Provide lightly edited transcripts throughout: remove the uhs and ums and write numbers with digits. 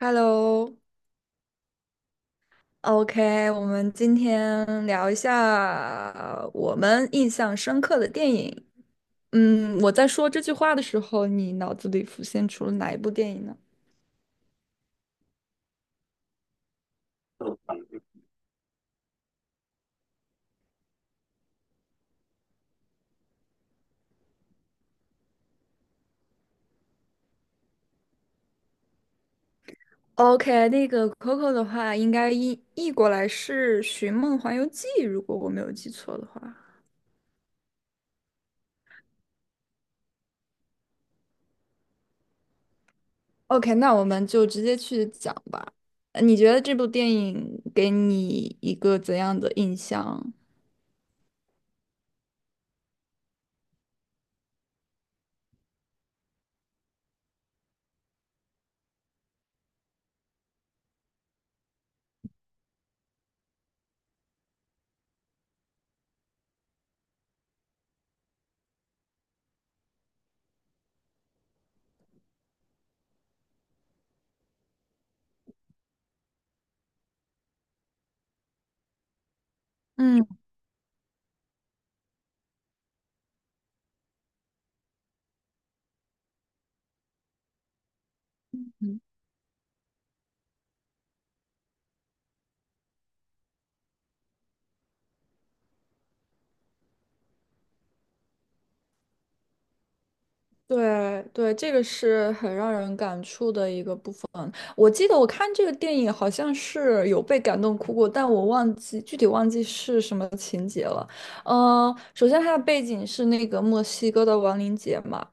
Hello，OK，我们今天聊一下我们印象深刻的电影。嗯，我在说这句话的时候，你脑子里浮现出了哪一部电影呢？OK，那个 Coco 的话，应该译过来是《寻梦环游记》，如果我没有记错的话。OK，那我们就直接去讲吧。你觉得这部电影给你一个怎样的印象？嗯。对对，这个是很让人感触的一个部分。我记得我看这个电影好像是有被感动哭过，但我忘记具体忘记是什么情节了。首先它的背景是那个墨西哥的亡灵节嘛，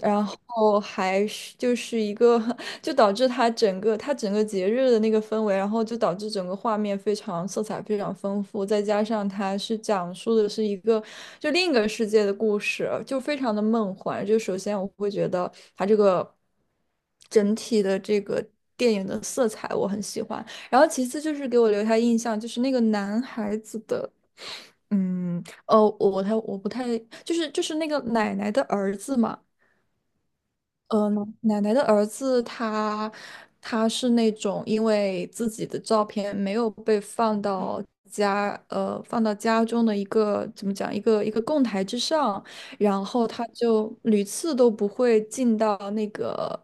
然后还是就是一个，就导致它整个节日的那个氛围，然后就导致整个画面非常色彩非常丰富，再加上它是讲述的是一个就另一个世界的故事，就非常的梦幻。就首先我会觉得它这个整体的这个电影的色彩我很喜欢，然后其次就是给我留下印象就是那个男孩子的。哦，我不太，就是那个奶奶的儿子嘛，呃，奶奶的儿子他是那种因为自己的照片没有被放到放到家中的一个怎么讲一个供台之上，然后他就屡次都不会进到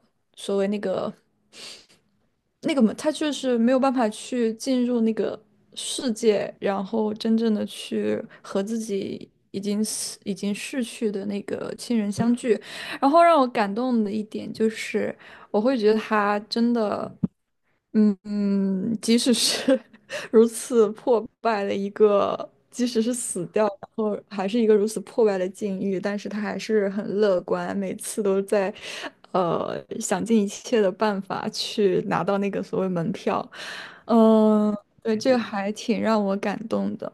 那个嘛，他就是没有办法去进入那个世界，然后真正的去和自己已经逝去的那个亲人相聚。然后让我感动的一点就是，我会觉得他真的。即使是 如此破败的一个，即使是死掉，然后还是一个如此破败的境遇，但是他还是很乐观，每次都在，想尽一切的办法去拿到那个所谓门票。嗯、对，这个还挺让我感动的。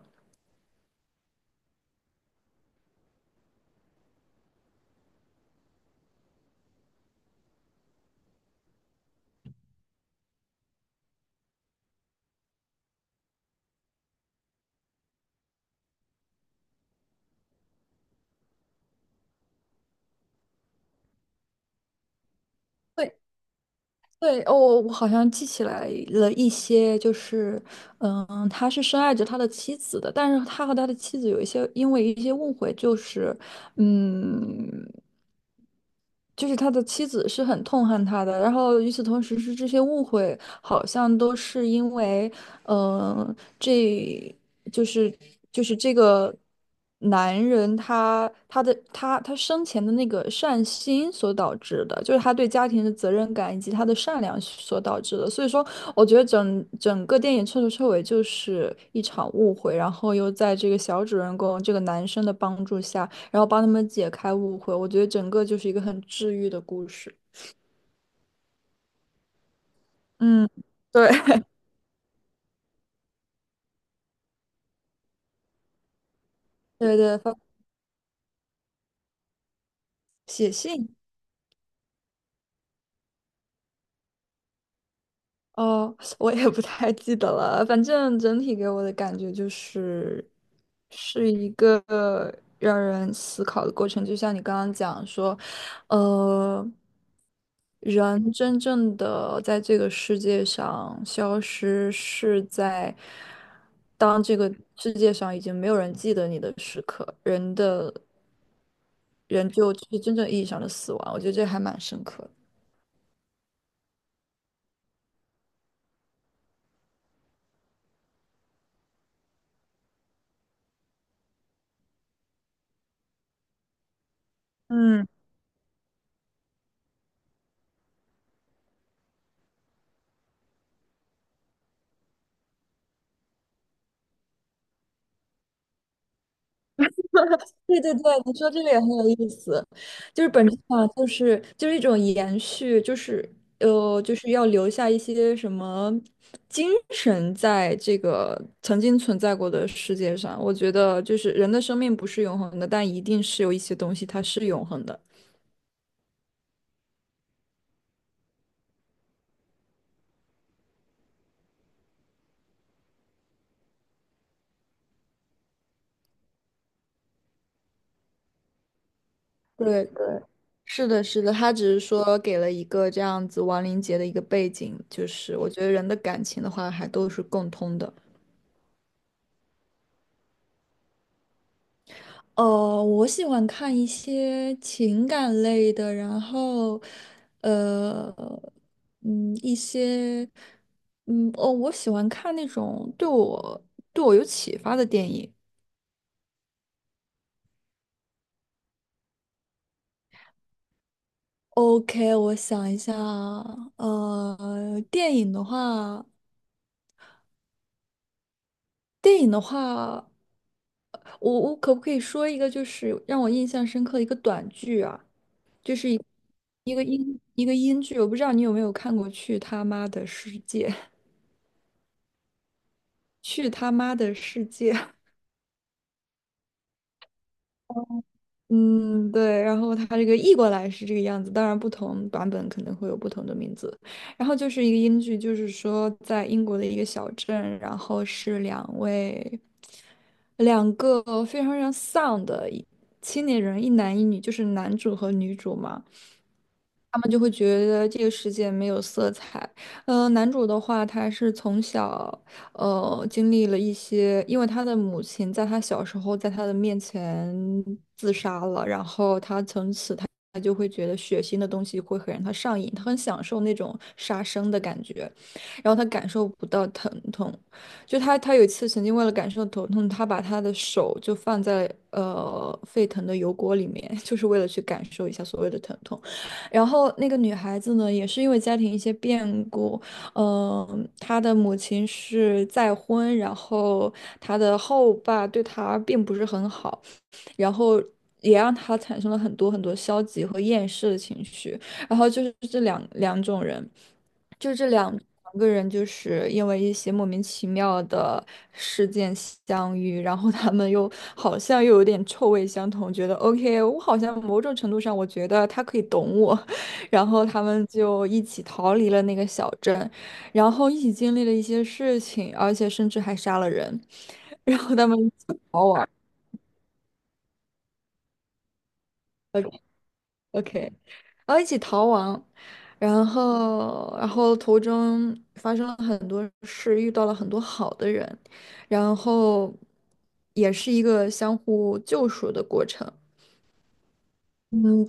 对，哦，我好像记起来了一些，就是，嗯，他是深爱着他的妻子的，但是他和他的妻子有一些因为一些误会，就是，嗯。就是他的妻子是很痛恨他的，然后与此同时是这些误会，好像都是因为，嗯，这就是这个男人他生前的那个善心所导致的，就是他对家庭的责任感以及他的善良所导致的。所以说，我觉得整个电影彻头彻尾就是一场误会，然后又在这个小主人公这个男生的帮助下。然后帮他们解开误会。我觉得整个就是一个很治愈的故事。嗯，对 对对，写信哦，我也不太记得了。反正整体给我的感觉就是，是一个让人思考的过程。就像你刚刚讲说，呃，人真正的在这个世界上消失，是在当这个世界上已经没有人记得你的时刻，人就是真正意义上的死亡，我觉得这还蛮深刻的。嗯，对对对，你说这个也很有意思，就是本质上就是一种延续，就是就是要留下一些什么精神在这个曾经存在过的世界上。我觉得就是人的生命不是永恒的，但一定是有一些东西它是永恒的。对对，是的，是的，他只是说给了一个这样子亡灵节的一个背景，就是我觉得人的感情的话还都是共通的。我喜欢看一些情感类的，然后，呃，一些，哦，我喜欢看那种对我有启发的电影。OK，我想一下啊，电影的话，电影的话，我可不可以说一个就是让我印象深刻的一个短剧啊？就是一个英剧，我不知道你有没有看过去他妈的世界》去他妈的世界，嗯，对，然后他这个译过来是这个样子，当然不同版本可能会有不同的名字。然后就是一个英剧，就是说在英国的一个小镇，然后是两个非常非常丧的青年人，一男一女，就是男主和女主嘛。他们就会觉得这个世界没有色彩。男主的话，他是从小经历了一些，因为他的母亲在他小时候在他的面前自杀了，然后他从此他就会觉得血腥的东西会很让他上瘾，他很享受那种杀生的感觉，然后他感受不到疼痛，就他有一次曾经为了感受疼痛，他把他的手就放在沸腾的油锅里面，就是为了去感受一下所谓的疼痛，然后那个女孩子呢，也是因为家庭一些变故。嗯，他的母亲是再婚，然后他的后爸对他并不是很好，然后也让他产生了很多很多消极和厌世的情绪。然后就是这两种人，就这两个人，就是因为一些莫名其妙的事件相遇，然后他们又好像又有点臭味相同，觉得 OK，我好像某种程度上我觉得他可以懂我，然后他们就一起逃离了那个小镇。然后一起经历了一些事情，而且甚至还杀了人，然后他们一起逃亡，OK，然后一起逃亡，然后途中发生了很多事，遇到了很多好的人，然后也是一个相互救赎的过程。嗯，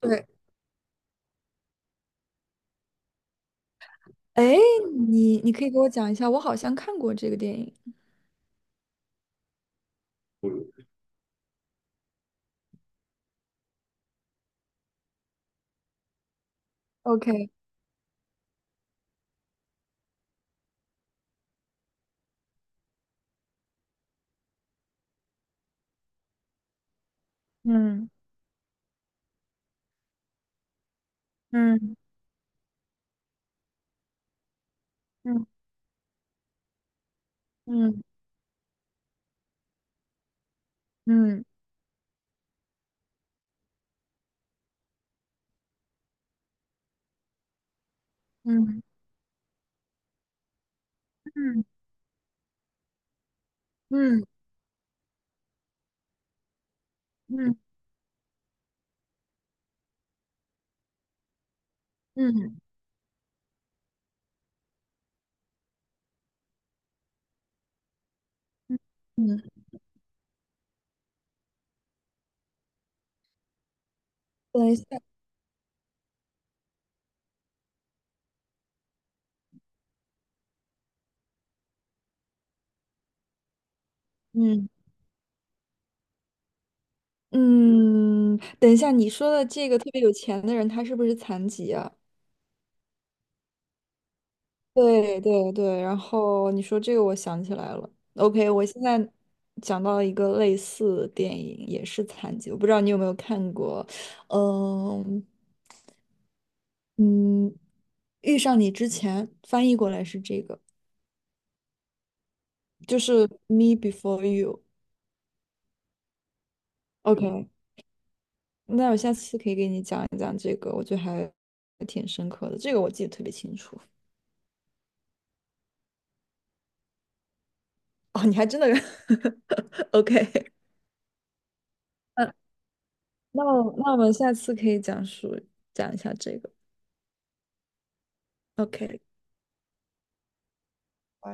对，哎，你可以给我讲一下，我好像看过这个电影。OK，嗯嗯嗯嗯嗯嗯嗯嗯嗯嗯。嗯，等一下，嗯嗯，等一下，你说的这个特别有钱的人，他是不是残疾啊？对对对，然后你说这个，我想起来了。OK，我现在讲到一个类似的电影，也是残疾，我不知道你有没有看过，嗯嗯，遇上你之前翻译过来是这个，就是 Me Before You。OK，那我下次可以给你讲一讲这个，我觉得还挺深刻的，这个我记得特别清楚。哦，你还真的 OK。那那我们下次可以讲一下这个。OK。